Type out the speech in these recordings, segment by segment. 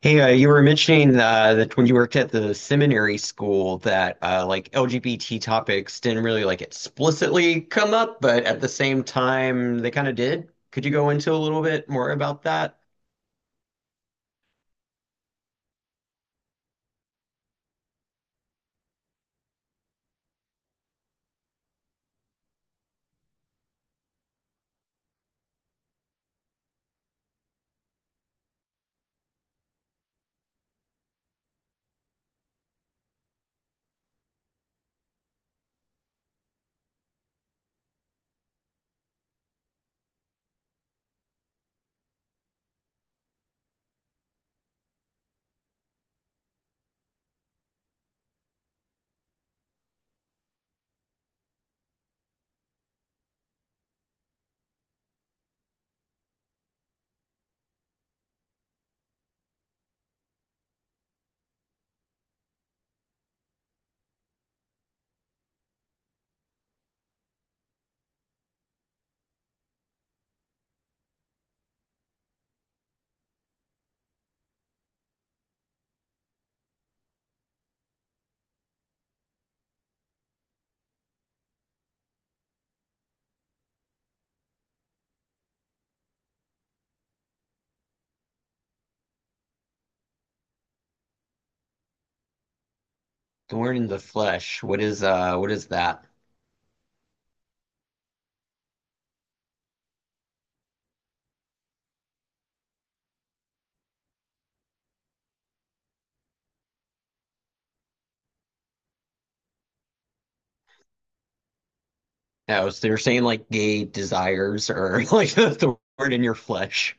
Hey, you were mentioning that when you worked at the seminary school that like LGBT topics didn't really like explicitly come up, but at the same time they kind of did. Could you go into a little bit more about that? Thorn in the flesh. What is that? Oh, so they are saying like gay desires or like the thorn in your flesh.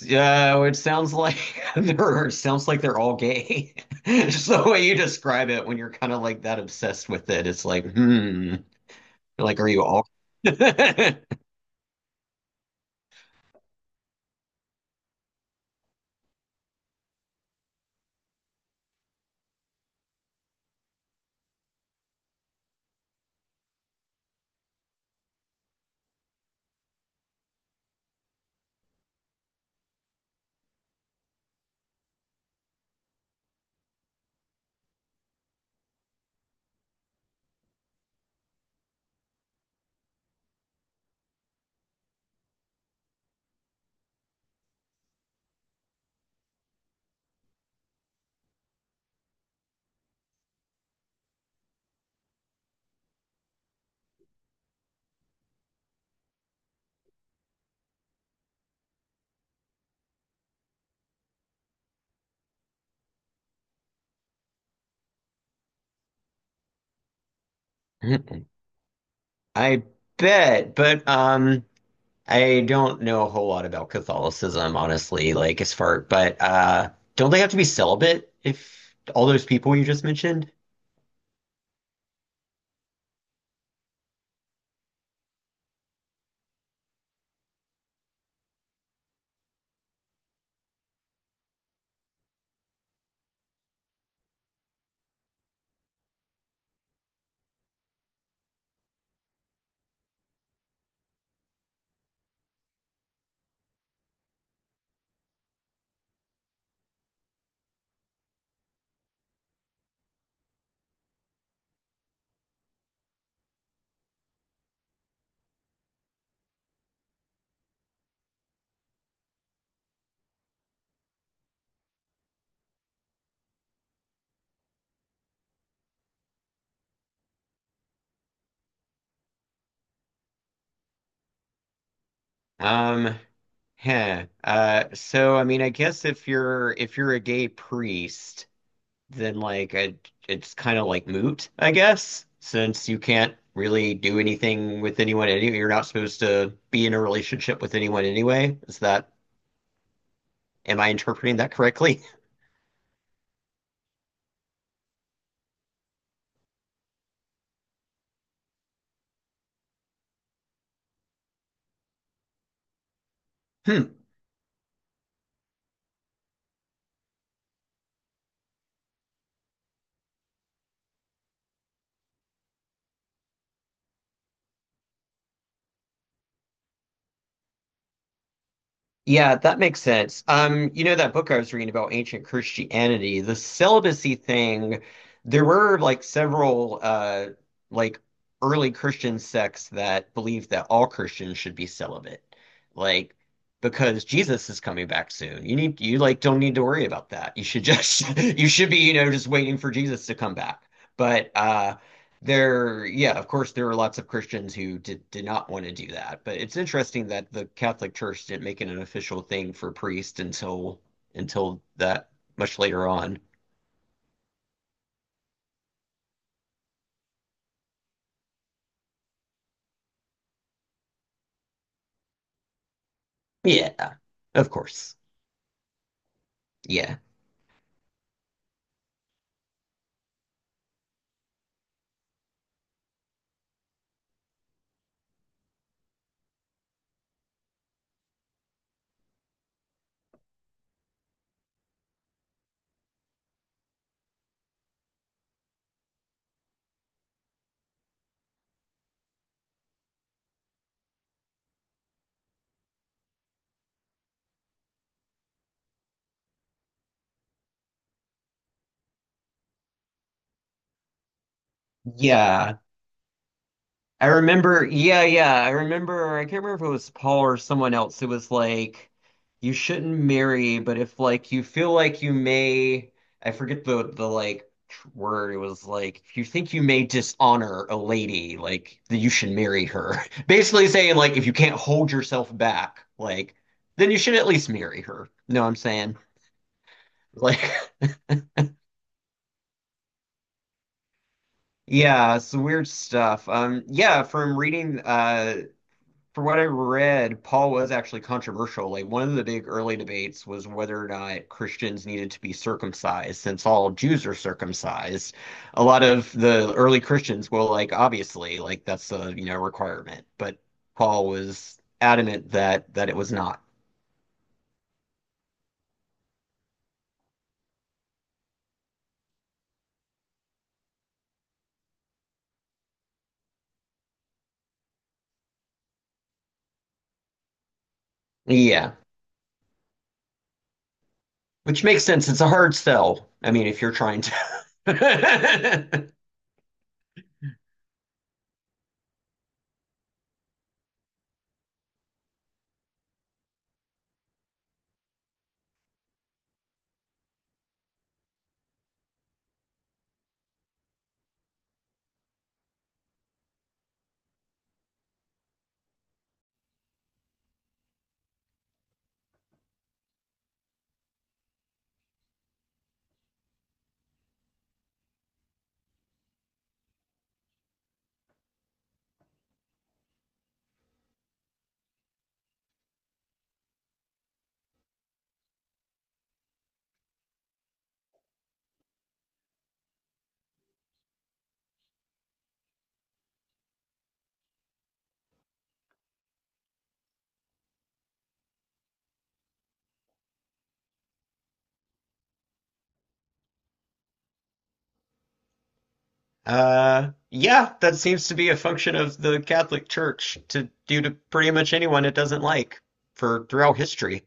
Yeah, it sounds like they're it sounds like they're all gay. Just the way you describe it when you're kind of like that obsessed with it, it's like, hmm. Like, are you all? I bet, but I don't know a whole lot about Catholicism, honestly. Like, as far, but don't they have to be celibate if all those people you just mentioned? Um, huh. So I mean, I guess if you're a gay priest. Then like it's kind of like moot, I guess, since you can't really do anything with anyone anyway. You're not supposed to be in a relationship with anyone anyway. Is that, am I interpreting that correctly? Hmm. Yeah, that makes sense. You know that book I was reading about ancient Christianity, the celibacy thing, there were like several like early Christian sects that believed that all Christians should be celibate. Like because Jesus is coming back soon. You like don't need to worry about that. You should just you should be, you know, just waiting for Jesus to come back. But there, yeah, of course, there are lots of Christians who did not want to do that, but it's interesting that the Catholic Church didn't make it an official thing for priests until that much later on. Yeah, of course. Yeah. Yeah. I remember, yeah, yeah. I remember, I can't remember if it was Paul or someone else. It was like, you shouldn't marry, but if like you feel like you may, I forget the word. It was like, if you think you may dishonor a lady, like that you should marry her. Basically saying like, if you can't hold yourself back, like, then you should at least marry her. You know what I'm saying? Like, yeah, it's weird stuff. Yeah, from reading from what I read, Paul was actually controversial. Like one of the big early debates was whether or not Christians needed to be circumcised, since all Jews are circumcised. A lot of the early Christians well, like, obviously, like that's a you know requirement, but Paul was adamant that it was not. Yeah, which makes sense. It's a hard sell. I mean, if you're trying to. Yeah, that seems to be a function of the Catholic Church to do to pretty much anyone it doesn't like for throughout history.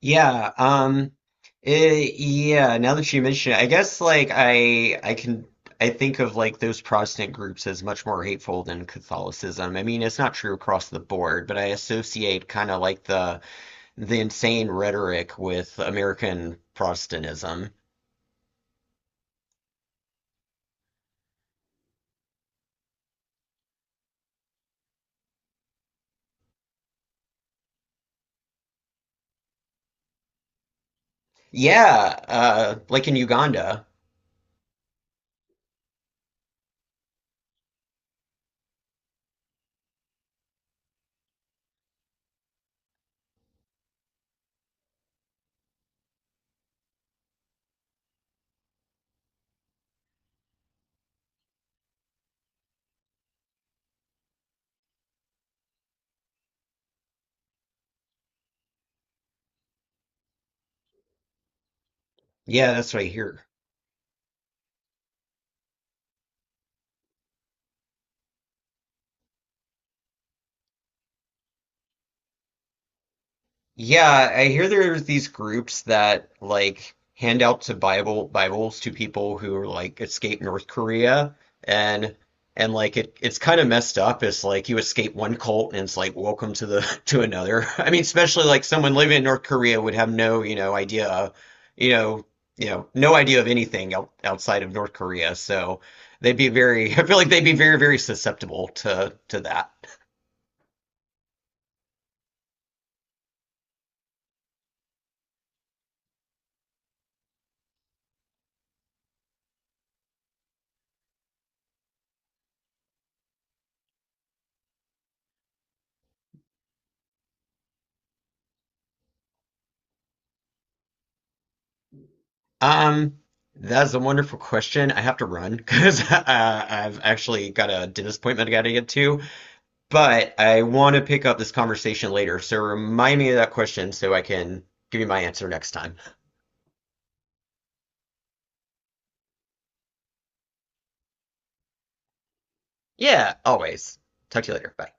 Yeah, yeah, now that you mention it, I guess like I can I think of like those Protestant groups as much more hateful than Catholicism. I mean, it's not true across the board, but I associate kind of like the insane rhetoric with American Protestantism. Yeah, like in Uganda. Yeah, that's what I hear. Yeah, I hear there's these groups that like hand out to Bibles to people who like escape North Korea and and like it's kind of messed up. It's like you escape one cult and it's like welcome to the to another. I mean, especially like someone living in North Korea would have no, you know, idea of, you know, you know, no idea of anything outside of North Korea. So they'd be very I feel like they'd be very susceptible to that. Um, that's a wonderful question. I have to run because I've actually got a dentist appointment I got to get to, but I want to pick up this conversation later. So remind me of that question so I can give you my answer next time. Yeah, always. Talk to you later. Bye.